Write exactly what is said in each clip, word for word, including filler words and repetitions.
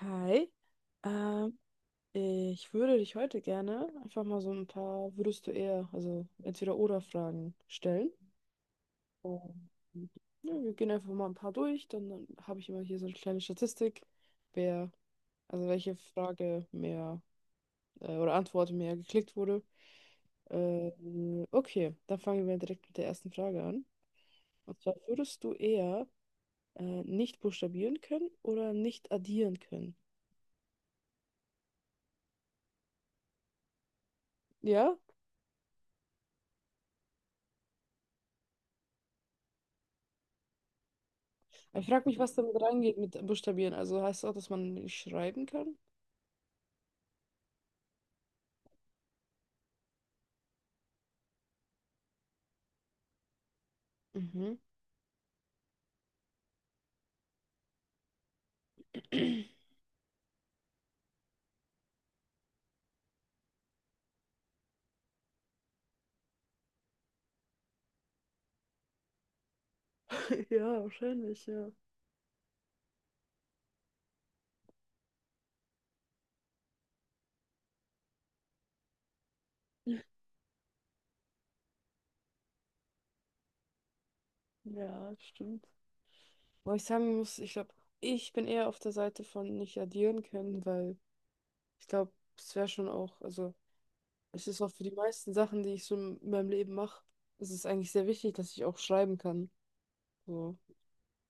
Hi, ähm, ich würde dich heute gerne einfach mal so ein paar würdest du eher, also entweder oder Fragen stellen. Und, ja, wir gehen einfach mal ein paar durch, dann, dann habe ich immer hier so eine kleine Statistik, wer, also welche Frage mehr äh, oder Antwort mehr geklickt wurde. Ähm, okay, dann fangen wir direkt mit der ersten Frage an. Und zwar würdest du eher äh, nicht buchstabieren können oder nicht addieren können? Ja, ich frage mich, was damit reingeht mit Buchstabieren. Also heißt das auch, dass man nicht schreiben kann? Mhm. Ja, wahrscheinlich, ja. Ja, stimmt. Wo ich sagen muss, ich glaube, ich bin eher auf der Seite von nicht addieren können, weil ich glaube, es wäre schon auch, also es ist auch für die meisten Sachen, die ich so in meinem Leben mache, es ist eigentlich sehr wichtig, dass ich auch schreiben kann. So.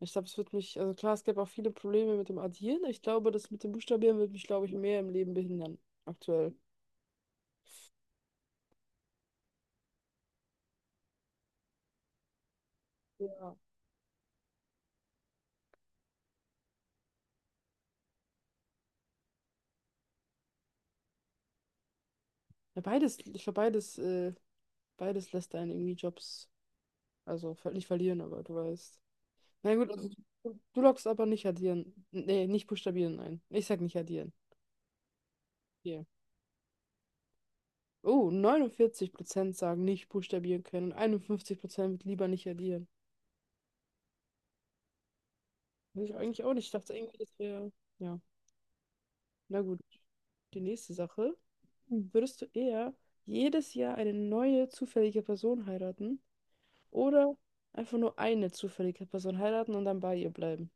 Ich glaube, es wird mich, also klar, es gäbe auch viele Probleme mit dem Addieren. Ich glaube, das mit dem Buchstabieren wird mich, glaube ich, mehr im Leben behindern, aktuell. Ja. Ja, beides, ich glaube, beides, äh, beides lässt einen irgendwie Jobs, also ver- nicht verlieren, aber du weißt. Na gut, also du, du loggst aber nicht addieren. Nee, nicht buchstabieren ein. Ich sag nicht addieren. Hier. Oh, neunundvierzig Prozent sagen nicht buchstabieren können. einundfünfzig Prozent wird lieber nicht addieren. Weiß ich eigentlich auch nicht. Ich dachte irgendwie, das wäre. Ja, na gut. Die nächste Sache. Würdest du eher jedes Jahr eine neue zufällige Person heiraten oder einfach nur eine zufällige Person heiraten und dann bei ihr bleiben?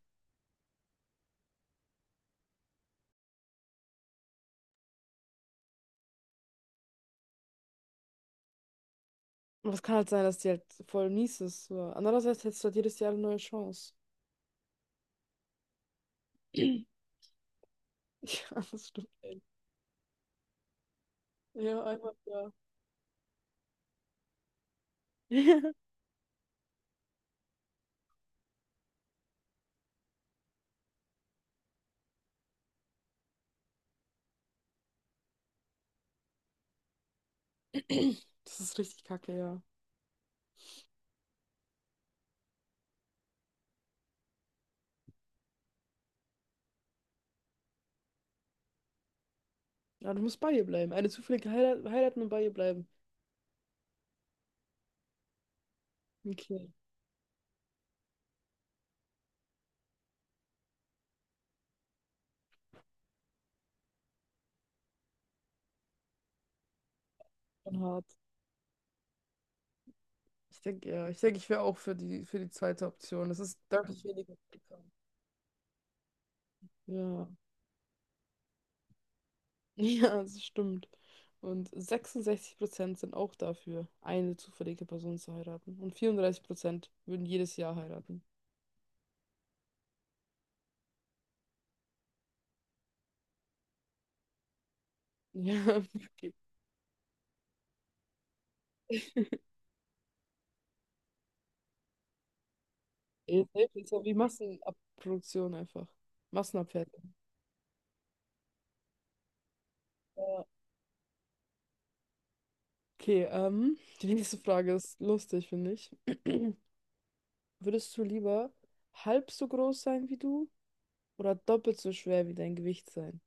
Und es kann halt sein, dass die halt voll mies ist. So. Andererseits hättest du halt jedes Jahr eine neue Chance. Ja, das stimmt, ey. Ja, einfach, ja. Das ist richtig kacke, ja. Ja, du musst bei ihr bleiben. Eine zufällige Heirat, heiraten und bei ihr bleiben. Okay, schon hart. Ich denke, ja, ich denke, ich wäre auch für die, für die zweite Option. Das ist deutlich weniger Aufwand. Ja, ja, das stimmt. Und sechsundsechzig Prozent sind auch dafür, eine zufällige Person zu heiraten. Und vierunddreißig Prozent würden jedes Jahr heiraten. Ja, okay. Ja, safe, ist ja wie Massenabproduktion einfach. Massenabfertigung. Ja. Okay, ähm, die nächste Frage ist lustig, finde ich. Würdest du lieber halb so groß sein wie du oder doppelt so schwer wie dein Gewicht sein?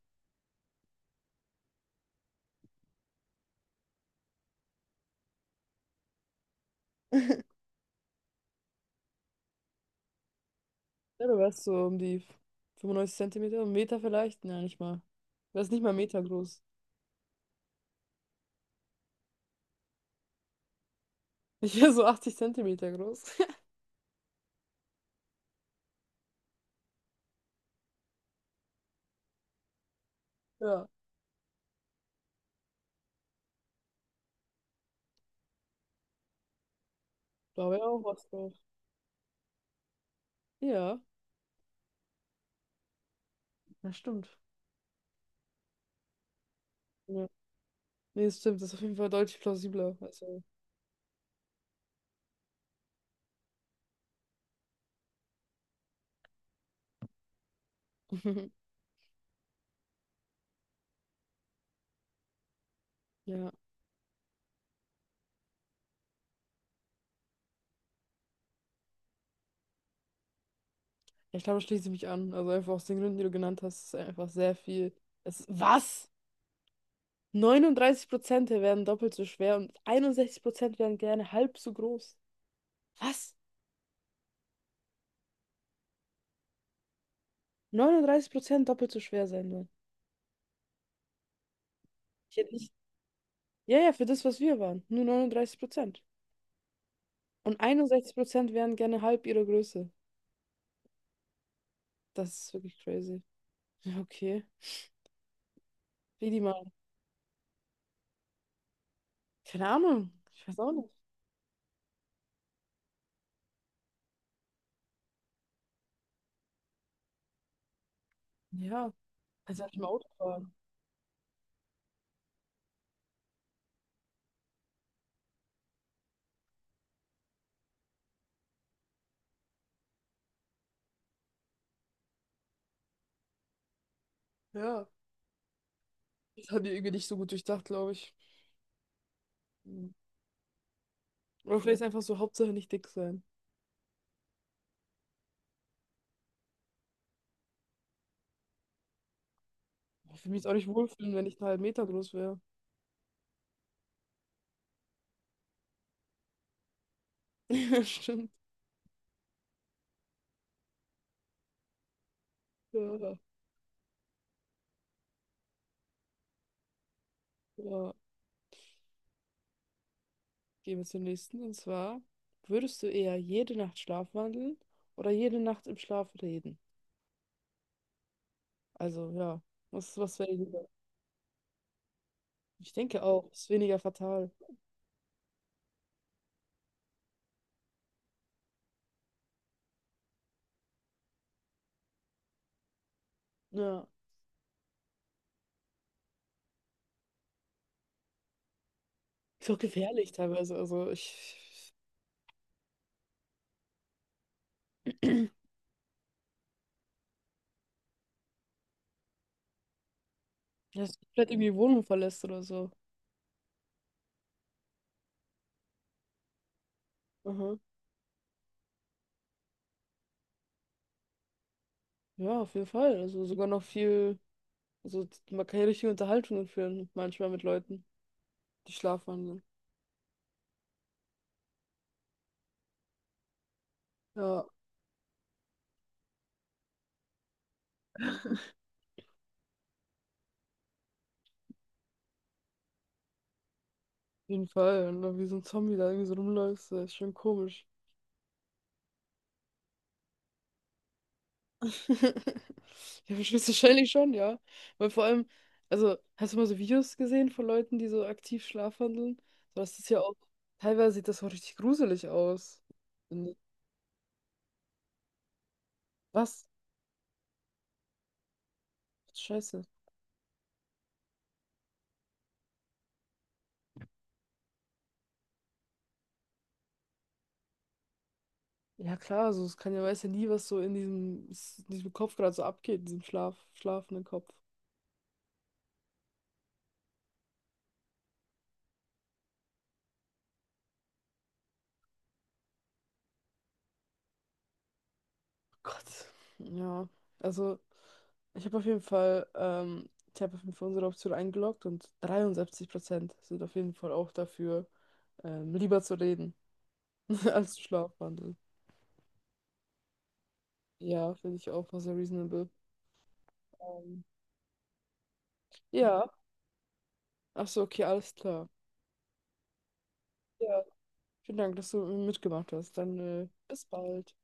Ja, du wärst so um die fünfundneunzig Zentimeter, einen Meter vielleicht? Nein, nicht mal. Du wärst nicht mal einen Meter groß. Ich wäre so achtzig Zentimeter groß. Ja, da wäre auch was drauf. Ja, das stimmt. Ja. Nee, das stimmt, das ist auf jeden Fall deutlich plausibler. Also, ja. Ja, ich glaube, da schließe ich mich an. Also einfach aus den Gründen, die du genannt hast, ist einfach sehr viel. Es, was? neununddreißig Prozent werden doppelt so schwer und einundsechzig Prozent werden gerne halb so groß. Was? neununddreißig Prozent doppelt so schwer sein wollen. Ich hätte nicht. Ja, ja, für das, was wir waren. Nur neununddreißig Prozent. Und einundsechzig Prozent wären gerne halb ihrer Größe. Das ist wirklich crazy. Ja, okay. Wie die mal. Keine Ahnung. Ich weiß auch nicht. Ja. Als hätte ich mal Auto fahren. Ja. Das haben die irgendwie nicht so gut durchdacht, glaube ich. Hm. Oder vielleicht einfach so, Hauptsache nicht dick sein. Ich würde mich jetzt auch nicht wohlfühlen, wenn ich einen halben Meter groß wäre. Ja, stimmt. Ja. Ja. Gehen wir zum nächsten. Und zwar, würdest du eher jede Nacht schlafwandeln oder jede Nacht im Schlaf reden? Also, ja, was, was wäre lieber? Ich denke auch, ist weniger fatal. Ja. Ist auch gefährlich teilweise. Also, ich. Ja, dass du vielleicht irgendwie die Wohnung verlässt oder so. Aha. Ja, auf jeden Fall. Also, sogar noch viel. Also, man kann ja richtige Unterhaltungen führen, manchmal mit Leuten, die schlafwandeln. Ja, auf jeden Fall. Und dann wie so ein Zombie da irgendwie so rumläufst, das ist schon komisch. Ja, höchstwahrscheinlich schon, ja. Weil vor allem, also, hast du mal so Videos gesehen von Leuten, die so aktiv schlafwandeln? So. Das ist ja auch, teilweise sieht das auch richtig gruselig aus. Und was? Scheiße. Ja, klar, also, es kann ja, weiß ja nie, was so in diesem, in diesem Kopf gerade so abgeht, in diesem Schlaf, schlafenden Kopf. Gott. Ja. Also, ich habe auf jeden Fall, ähm, ich habe auf jeden Fall unsere Option eingeloggt und dreiundsiebzig Prozent sind auf jeden Fall auch dafür, ähm, lieber zu reden als zu schlafwandeln. Ja, finde ich auch mal sehr reasonable. Ähm, ja. Ach so, okay, alles klar. Ja. Vielen Dank, dass du mitgemacht hast. Dann, äh, bis bald.